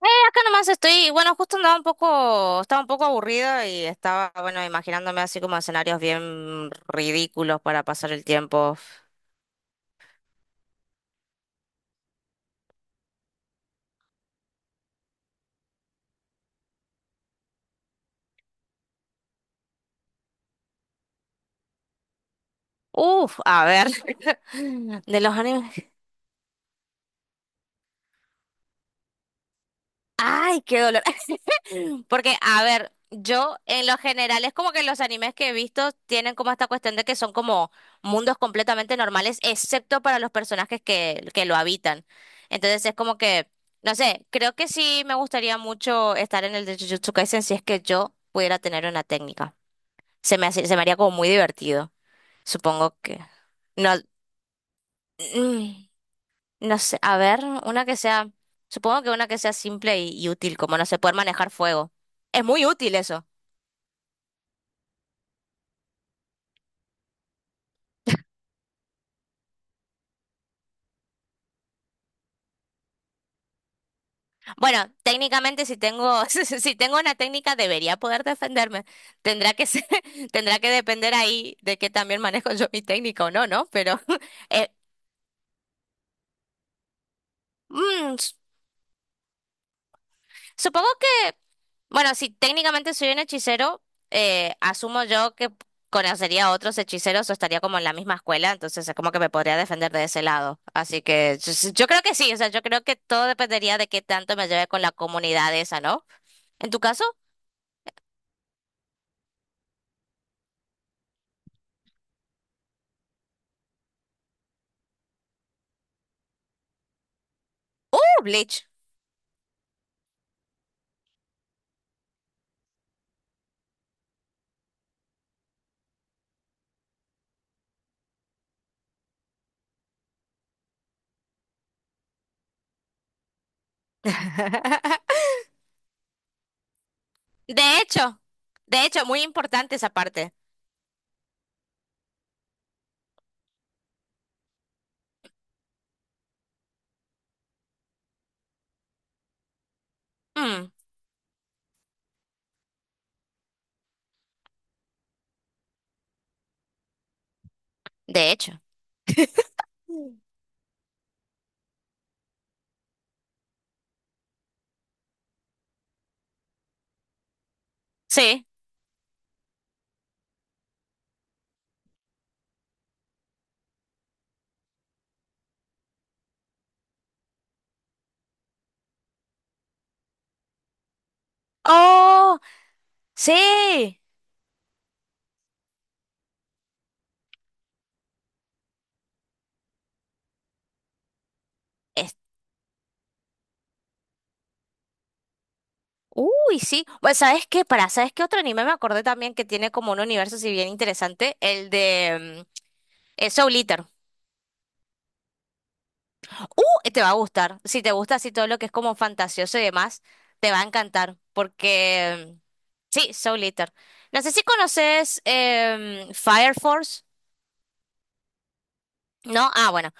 Acá nomás estoy, bueno, justo andaba un poco, estaba un poco aburrida y estaba, bueno, imaginándome así como escenarios bien ridículos para pasar el tiempo. Uf, a ver, de los animes. Ay, qué dolor. Porque, a ver, yo en lo general es como que los animes que he visto tienen como esta cuestión de que son como mundos completamente normales, excepto para los personajes que lo habitan. Entonces es como que, no sé, creo que sí me gustaría mucho estar en el de Jujutsu Kaisen si es que yo pudiera tener una técnica. Se me haría como muy divertido. Supongo que... No, mm, no sé, a ver, una que sea... Supongo que una que sea simple y útil, como no sé, poder manejar fuego. Es muy útil eso. Bueno, técnicamente si tengo, si tengo una técnica debería poder defenderme. Tendrá que ser- Tendrá que depender ahí de que también manejo yo mi técnica o no, ¿no? Pero eh, mm, s- supongo que, bueno, si técnicamente soy un hechicero, asumo yo que conocería a otros hechiceros o estaría como en la misma escuela, entonces es como que me podría defender de ese lado. Así que yo creo que sí, o sea, yo creo que todo dependería de qué tanto me lleve con la comunidad esa, ¿no? En tu caso, ¡uh, Bleach! De hecho, de hecho, muy importante esa parte. Mm, de hecho. Mm. Sí. Oh, sí. Es- Uy, sí. Pues, ¿sabes qué? Para, ¿sabes qué otro anime me acordé también que tiene como un universo si bien interesante? El de Soul Eater. Te va a gustar. Si te gusta así todo lo que es como fantasioso y demás, te va a encantar. Porque, sí, Soul Eater. No sé si conoces em, Fire Force. ¿No? Ah, bueno.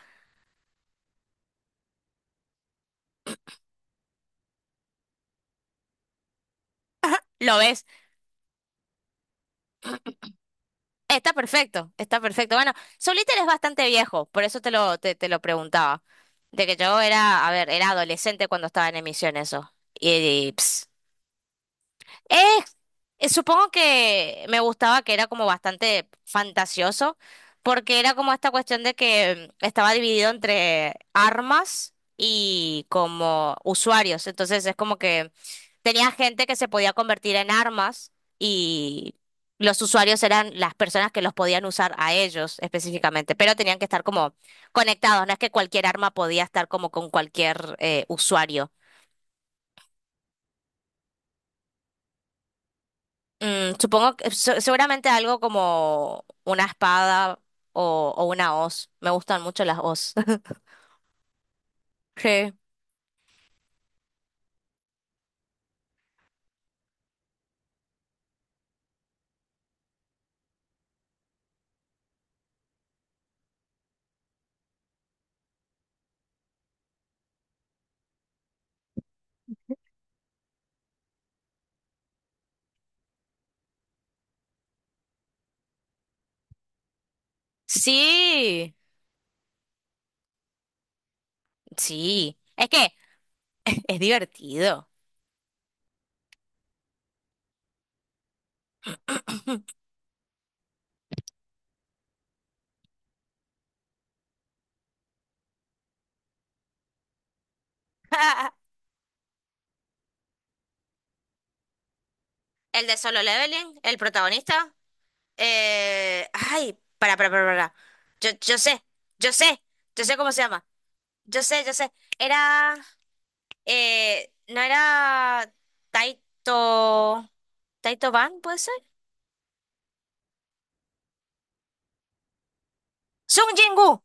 Lo ves. Está perfecto, está perfecto. Bueno, Soliter es bastante viejo, por eso te lo, te lo preguntaba. De que yo era, a ver, era adolescente cuando estaba en emisión eso. Y, ps, eh, Supongo que me gustaba que era como bastante fantasioso, porque era como esta cuestión de que estaba dividido entre armas y como usuarios. Entonces es como que tenía gente que se podía convertir en armas y los usuarios eran las personas que los podían usar a ellos específicamente, pero tenían que estar como conectados. No es que cualquier arma podía estar como con cualquier usuario. Mm, seguramente algo como una espada o una hoz. Me gustan mucho las hoz. Sí, sí, sí. Es que es divertido. El de Solo Leveling, el protagonista. Ay, para, para. Yo sé, yo sé, yo sé cómo se llama. Yo sé, yo sé. Era, no era Taito, Taito Ban, ¿puede ser? Sung Jingu.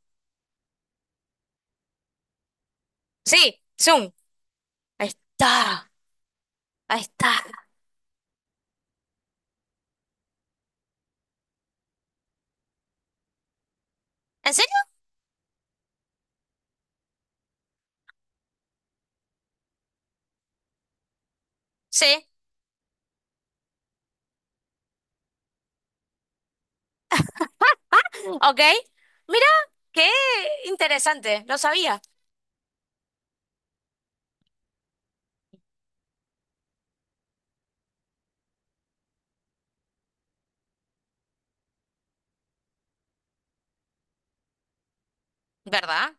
Sí, ahí está, ahí está. ¿En serio? Sí, ok. Mira, qué interesante, lo sabía. ¿Verdad?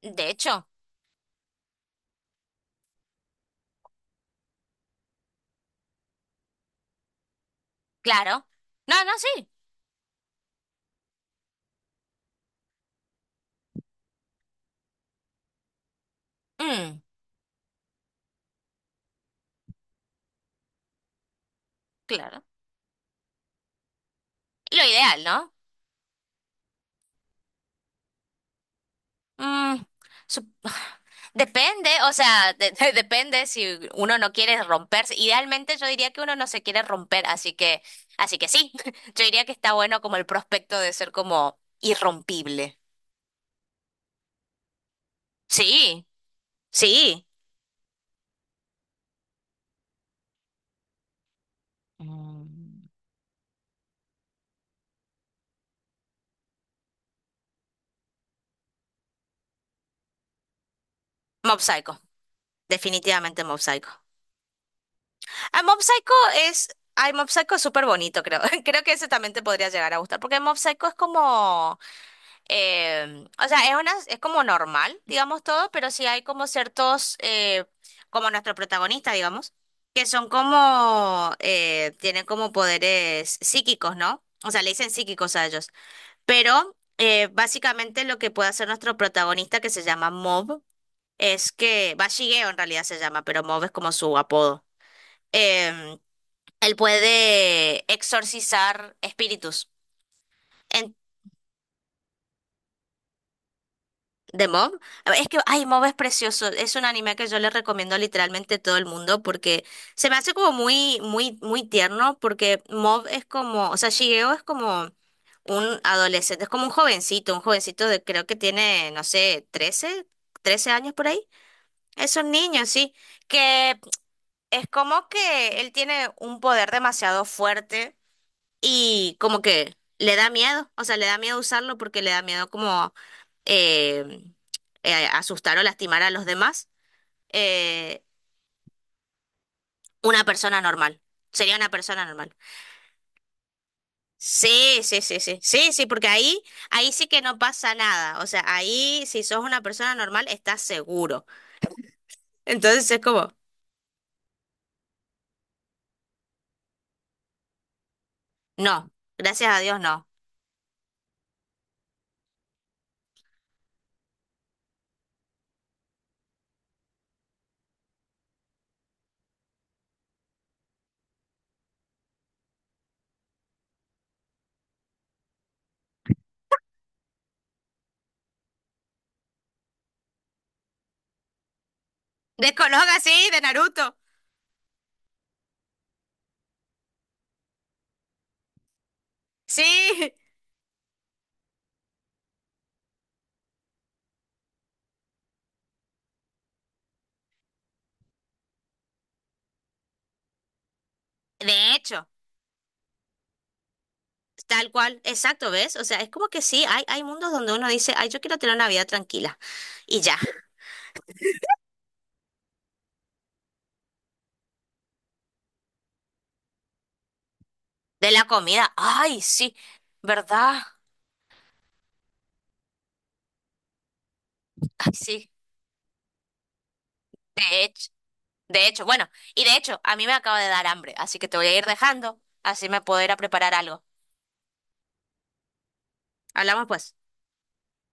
De hecho, claro. No, no, sí. Mm, claro. Lo ideal, ¿no? Mm, sup- Depende, o sea, depende si uno no quiere romperse. Idealmente yo diría que uno no se quiere romper, así que sí. Yo diría que está bueno como el prospecto de ser como irrompible. Sí, sí. Mm. Mob Psycho. Definitivamente Mob Psycho. Ah, Mob Psycho es. Ay, Mob Psycho es súper bonito, creo. Creo que ese también te podría llegar a gustar. Porque Mob Psycho es como. O sea, es una, es como normal, digamos todo, pero sí hay como ciertos. Como nuestro protagonista, digamos. Que son como. Tienen como poderes psíquicos, ¿no? O sea, le dicen psíquicos a ellos. Pero básicamente lo que puede hacer nuestro protagonista, que se llama Mob, es que. Va, Shigeo en realidad se llama, pero Mob es como su apodo em, él puede exorcizar espíritus. En, ¿De Mob? Es que, ay, Mob es precioso. Es un anime que yo le recomiendo literalmente a todo el mundo porque se me hace como muy, muy, muy tierno porque Mob es como, o sea, Shigeo es como un adolescente, es como un jovencito de creo que tiene, no sé, 13 años por ahí. Es un niño, sí, que es como que él tiene un poder demasiado fuerte y como que le da miedo, o sea, le da miedo usarlo porque le da miedo como eh, asustar o lastimar a los demás. eh, una persona normal, sería una persona normal. Sí, sí, sí, sí, sí, sí, porque ahí, ahí sí que no pasa nada, o sea, ahí si sos una persona normal estás seguro. Entonces es como, no, gracias a Dios no. De Konoha, sí, de Naruto, sí. De hecho. Tal cual, exacto, ¿ves? O sea, es como que sí, hay mundos donde uno dice, ay, yo quiero tener una vida tranquila. Y ya, de la comida, ay, sí, ¿verdad? Ay, sí, de hecho, de hecho, bueno, y de hecho, a mí me acaba de dar hambre, así que te voy a ir dejando, así me puedo ir a preparar algo. Hablamos pues.